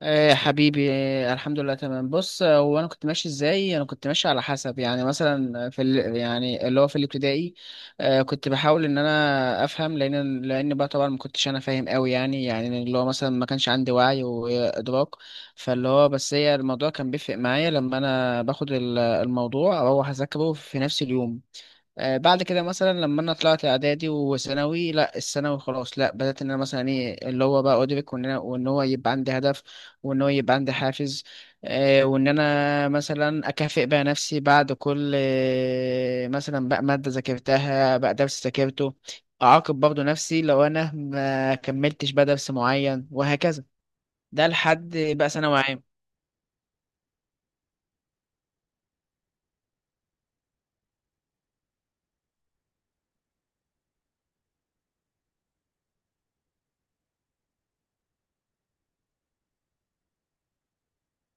ايه يا حبيبي، إيه؟ الحمد لله، تمام. بص، هو انا كنت ماشي ازاي. انا كنت ماشي على حسب، يعني مثلا في يعني اللي هو في الابتدائي. كنت بحاول ان انا افهم، لان بقى طبعا ما كنتش انا فاهم قوي، يعني اللي هو مثلا ما كانش عندي وعي وادراك. فاللي هو بس هي الموضوع كان بيفرق معايا لما انا باخد الموضوع او اذاكره في نفس اليوم. بعد كده مثلا لما انا طلعت اعدادي وثانوي، لا الثانوي خلاص، لا بدات ان انا مثلا ايه اللي هو بقى ادرك، وان هو يبقى عندي هدف، وان هو يبقى عندي حافز. وان انا مثلا اكافئ بقى نفسي بعد كل مثلا بقى ماده ذاكرتها، بقى درس ذاكرته. اعاقب برضه نفسي لو انا ما كملتش بقى درس معين، وهكذا. ده لحد بقى ثانوي عام.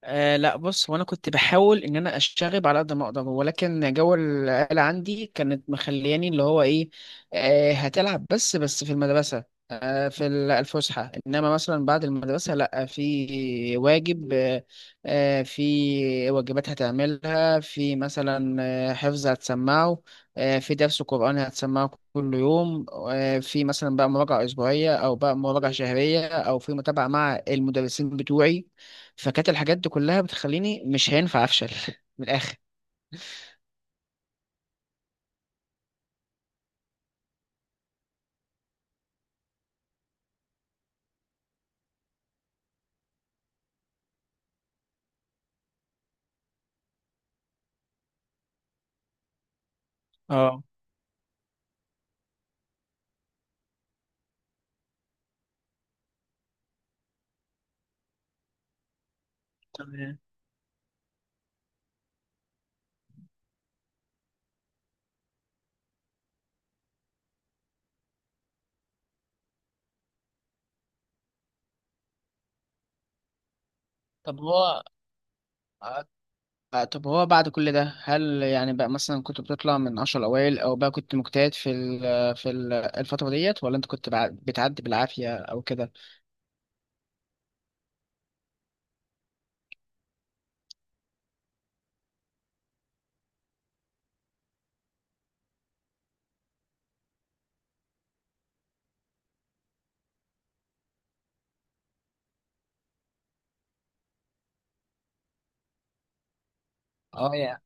لا بص، هو انا كنت بحاول ان انا اشتغل على قد ما اقدر، ولكن جو العيله عندي كانت مخلياني اللي هو ايه. هتلعب بس بس في المدرسه، في الفسحه، انما مثلا بعد المدرسه لا، في واجب. في واجبات هتعملها، في مثلا حفظ هتسمعه، في درس قران هتسمعه كل يوم، في مثلا بقى مراجعه اسبوعيه او بقى مراجعه شهريه او في متابعه مع المدرسين بتوعي. فكانت الحاجات دي كلها بتخليني مش هينفع افشل من الاخر. اه، تمام. طب هو طب هو بعد كل ده هل يعني بقى مثلا كنت بتطلع من عشر الأوائل، أو بقى كنت مجتهد في ال في ال الفترة ديت، ولا أنت كنت بتعدي بالعافية أو كده؟ اه، يعني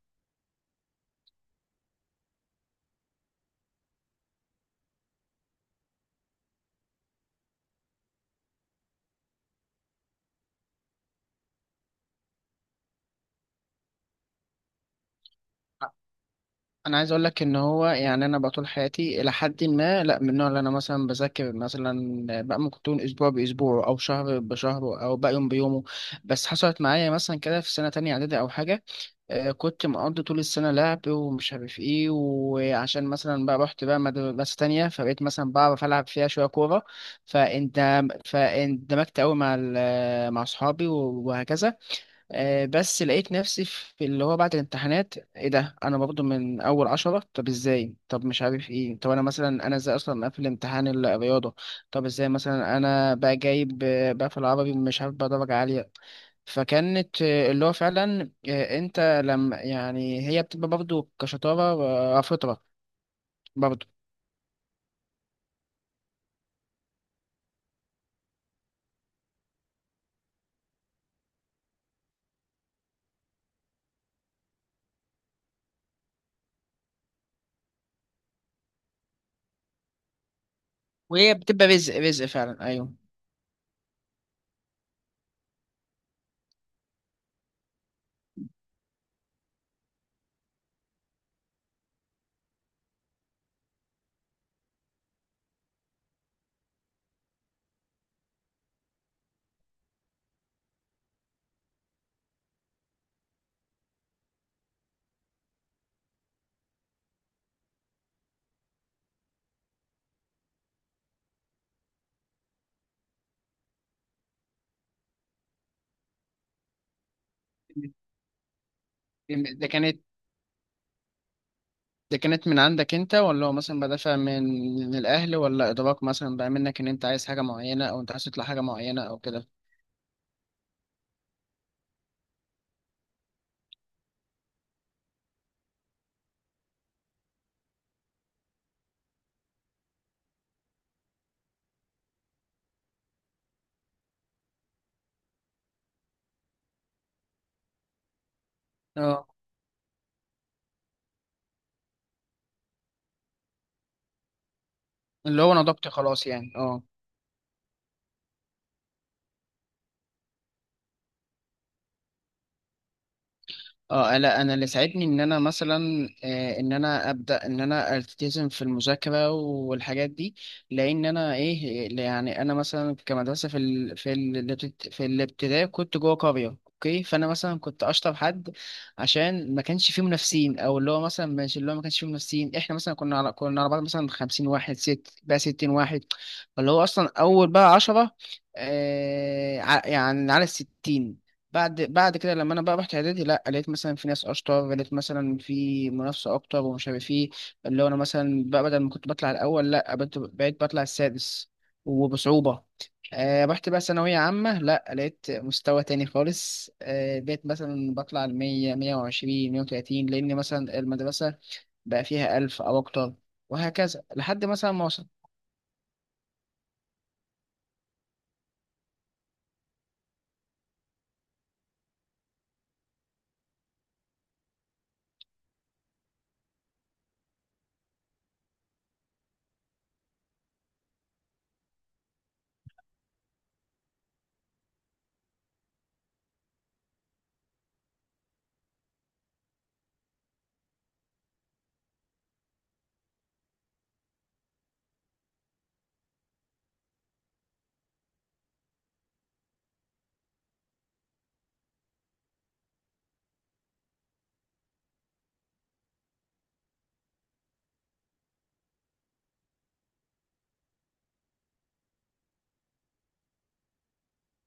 أنا عايز أقول لك إن هو يعني أنا بقى طول حياتي إلى حد ما، لا من النوع اللي أنا مثلا بذاكر مثلا بقى ممكن تكون أسبوع بأسبوع أو شهر بشهر أو بقى يوم بيومه. بس حصلت معايا مثلا كده في سنة تانية إعدادي أو حاجة، كنت مقضي طول السنة لعب ومش عارف ايه، وعشان مثلا بقى رحت بقى مدرسة تانية فبقيت مثلا بعرف ألعب فيها شوية كورة، فاندمجت أوي مع مع أصحابي وهكذا. بس لقيت نفسي في اللي هو بعد الامتحانات، ايه ده انا برضه من اول عشرة؟ طب ازاي؟ طب مش عارف ايه، طب انا مثلا انا ازاي اصلا مقفل امتحان الرياضة؟ طب ازاي مثلا انا بقى جايب بقى في العربي مش عارف بقى درجة عالية؟ فكانت اللي هو فعلا انت لما يعني هي بتبقى برضه كشطارة، فطرة برضه. وهي بتبقى رزق، رزق فعلا، ايوه. ده كانت، دي كانت من عندك انت، ولا هو مثلا بدافع من الاهل، ولا ادراك مثلا بقى منك ان انت عايز حاجه معينه، او انت عايز تطلع حاجه معينه، او كده؟ اه، اللي هو انا ضبطي خلاص يعني، اه. اه لا، انا اللي ساعدني ان انا مثلا ان انا ابدا ان انا التزم في المذاكره والحاجات دي، لان انا ايه يعني انا مثلا كمدرسه في في الابتدائي كنت جوه قريه، اوكي، فانا مثلا كنت اشطر حد، عشان ما كانش فيه منافسين، او اللي هو مثلا مش اللي هو ما كانش فيه منافسين. احنا مثلا كنا على بعض مثلا 50 واحد، ست بقى 60 واحد، فاللي هو اصلا اول بقى 10، يعني على الستين. بعد كده لما انا بقى رحت اعدادي، لا لقيت مثلا في ناس اشطر، لقيت مثلا في منافسه اكتر ومش عارف ايه. اللي هو انا مثلا بقى بدل ما كنت بطلع الاول، لا بقيت بطلع السادس، وبصعوبه. رحت بقى ثانويه عامه، لا لقيت مستوى تاني خالص، بقيت مثلا بطلع ال 100، 120، 130، لان مثلا المدرسه بقى فيها 1000 او اكتر، وهكذا لحد مثلا ما وصلت.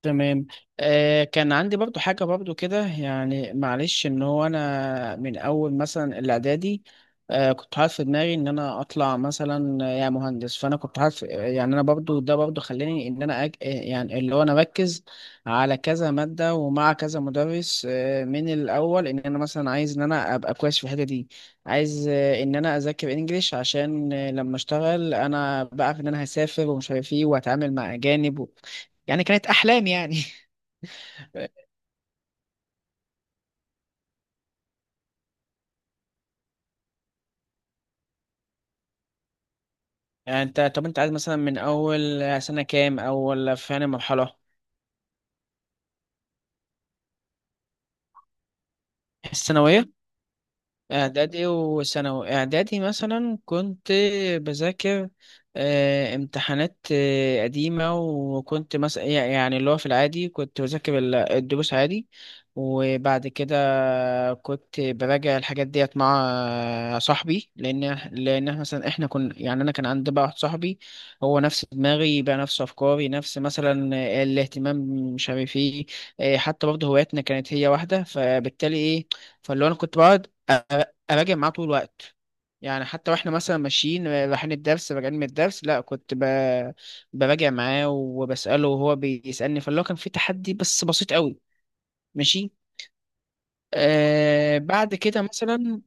تمام. كان عندي برضو حاجة برضو كده يعني، معلش، ان هو انا من اول مثلا الاعدادي كنت حاطط في دماغي ان انا اطلع مثلا يا مهندس. فانا كنت حاطط يعني، انا برضو ده برضو خلاني ان انا أج... آه، يعني اللي هو انا اركز على كذا مادة ومع كذا مدرس من الاول، ان انا مثلا عايز ان انا ابقى كويس في الحتة دي. عايز ان انا اذاكر انجليش عشان لما اشتغل انا بعرف ان انا هسافر ومش عارف ايه، واتعامل مع اجانب. يعني كانت احلام يعني. انت طب انت عايز مثلا من اول سنة كام اول في يعني مرحلة الثانوية؟ إعدادي وثانوي، إعدادي مثلا كنت بذاكر امتحانات قديمة، وكنت مثلا يعني اللي هو في العادي كنت بذاكر الدروس عادي. وبعد كده كنت براجع الحاجات ديت مع صاحبي، لأن إحنا مثلا إحنا كنا يعني أنا كان عندي بقى واحد صاحبي، هو نفس دماغي بقى، نفس أفكاري، نفس مثلا الاهتمام، مش عارف إيه. حتى برضه هواياتنا كانت هي واحدة، فبالتالي إيه. فاللي هو أنا كنت بقعد اراجع معاه طول الوقت. يعني حتى واحنا مثلا ماشيين رايحين الدرس، راجعين من الدرس، لا كنت براجع معاه وبسأله وهو بيسألني، فاللي هو كان في تحدي بس بسيط قوي. ماشي. بعد كده مثلا،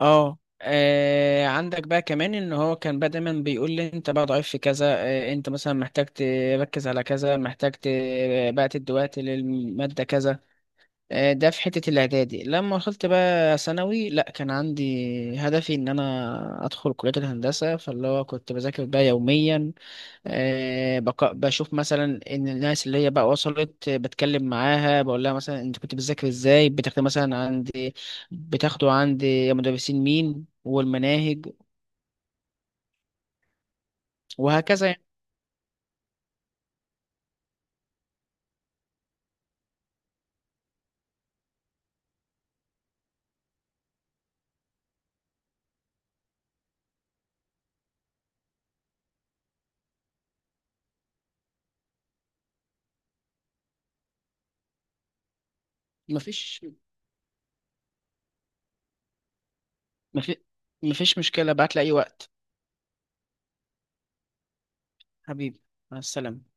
اه. عندك بقى كمان ان هو كان بقى دايما بيقول لي انت بقى ضعيف في كذا، انت مثلا محتاج تركز على كذا، محتاج بقى تدي وقت للمادة كذا. ده في حتة الإعدادي، لما وصلت بقى ثانوي لأ كان عندي هدفي إن أنا أدخل كلية الهندسة. فاللي هو كنت بذاكر بقى يوميا، بشوف مثلا إن الناس اللي هي بقى وصلت بتكلم معاها بقول لها مثلا أنت كنت بتذاكر إزاي، بتاخد مثلا عندي، بتاخده عندي مدرسين مين، والمناهج، وهكذا يعني. مفيش مفي- مفيش مشكلة، بعت لي أي وقت. حبيبي، مع السلامة.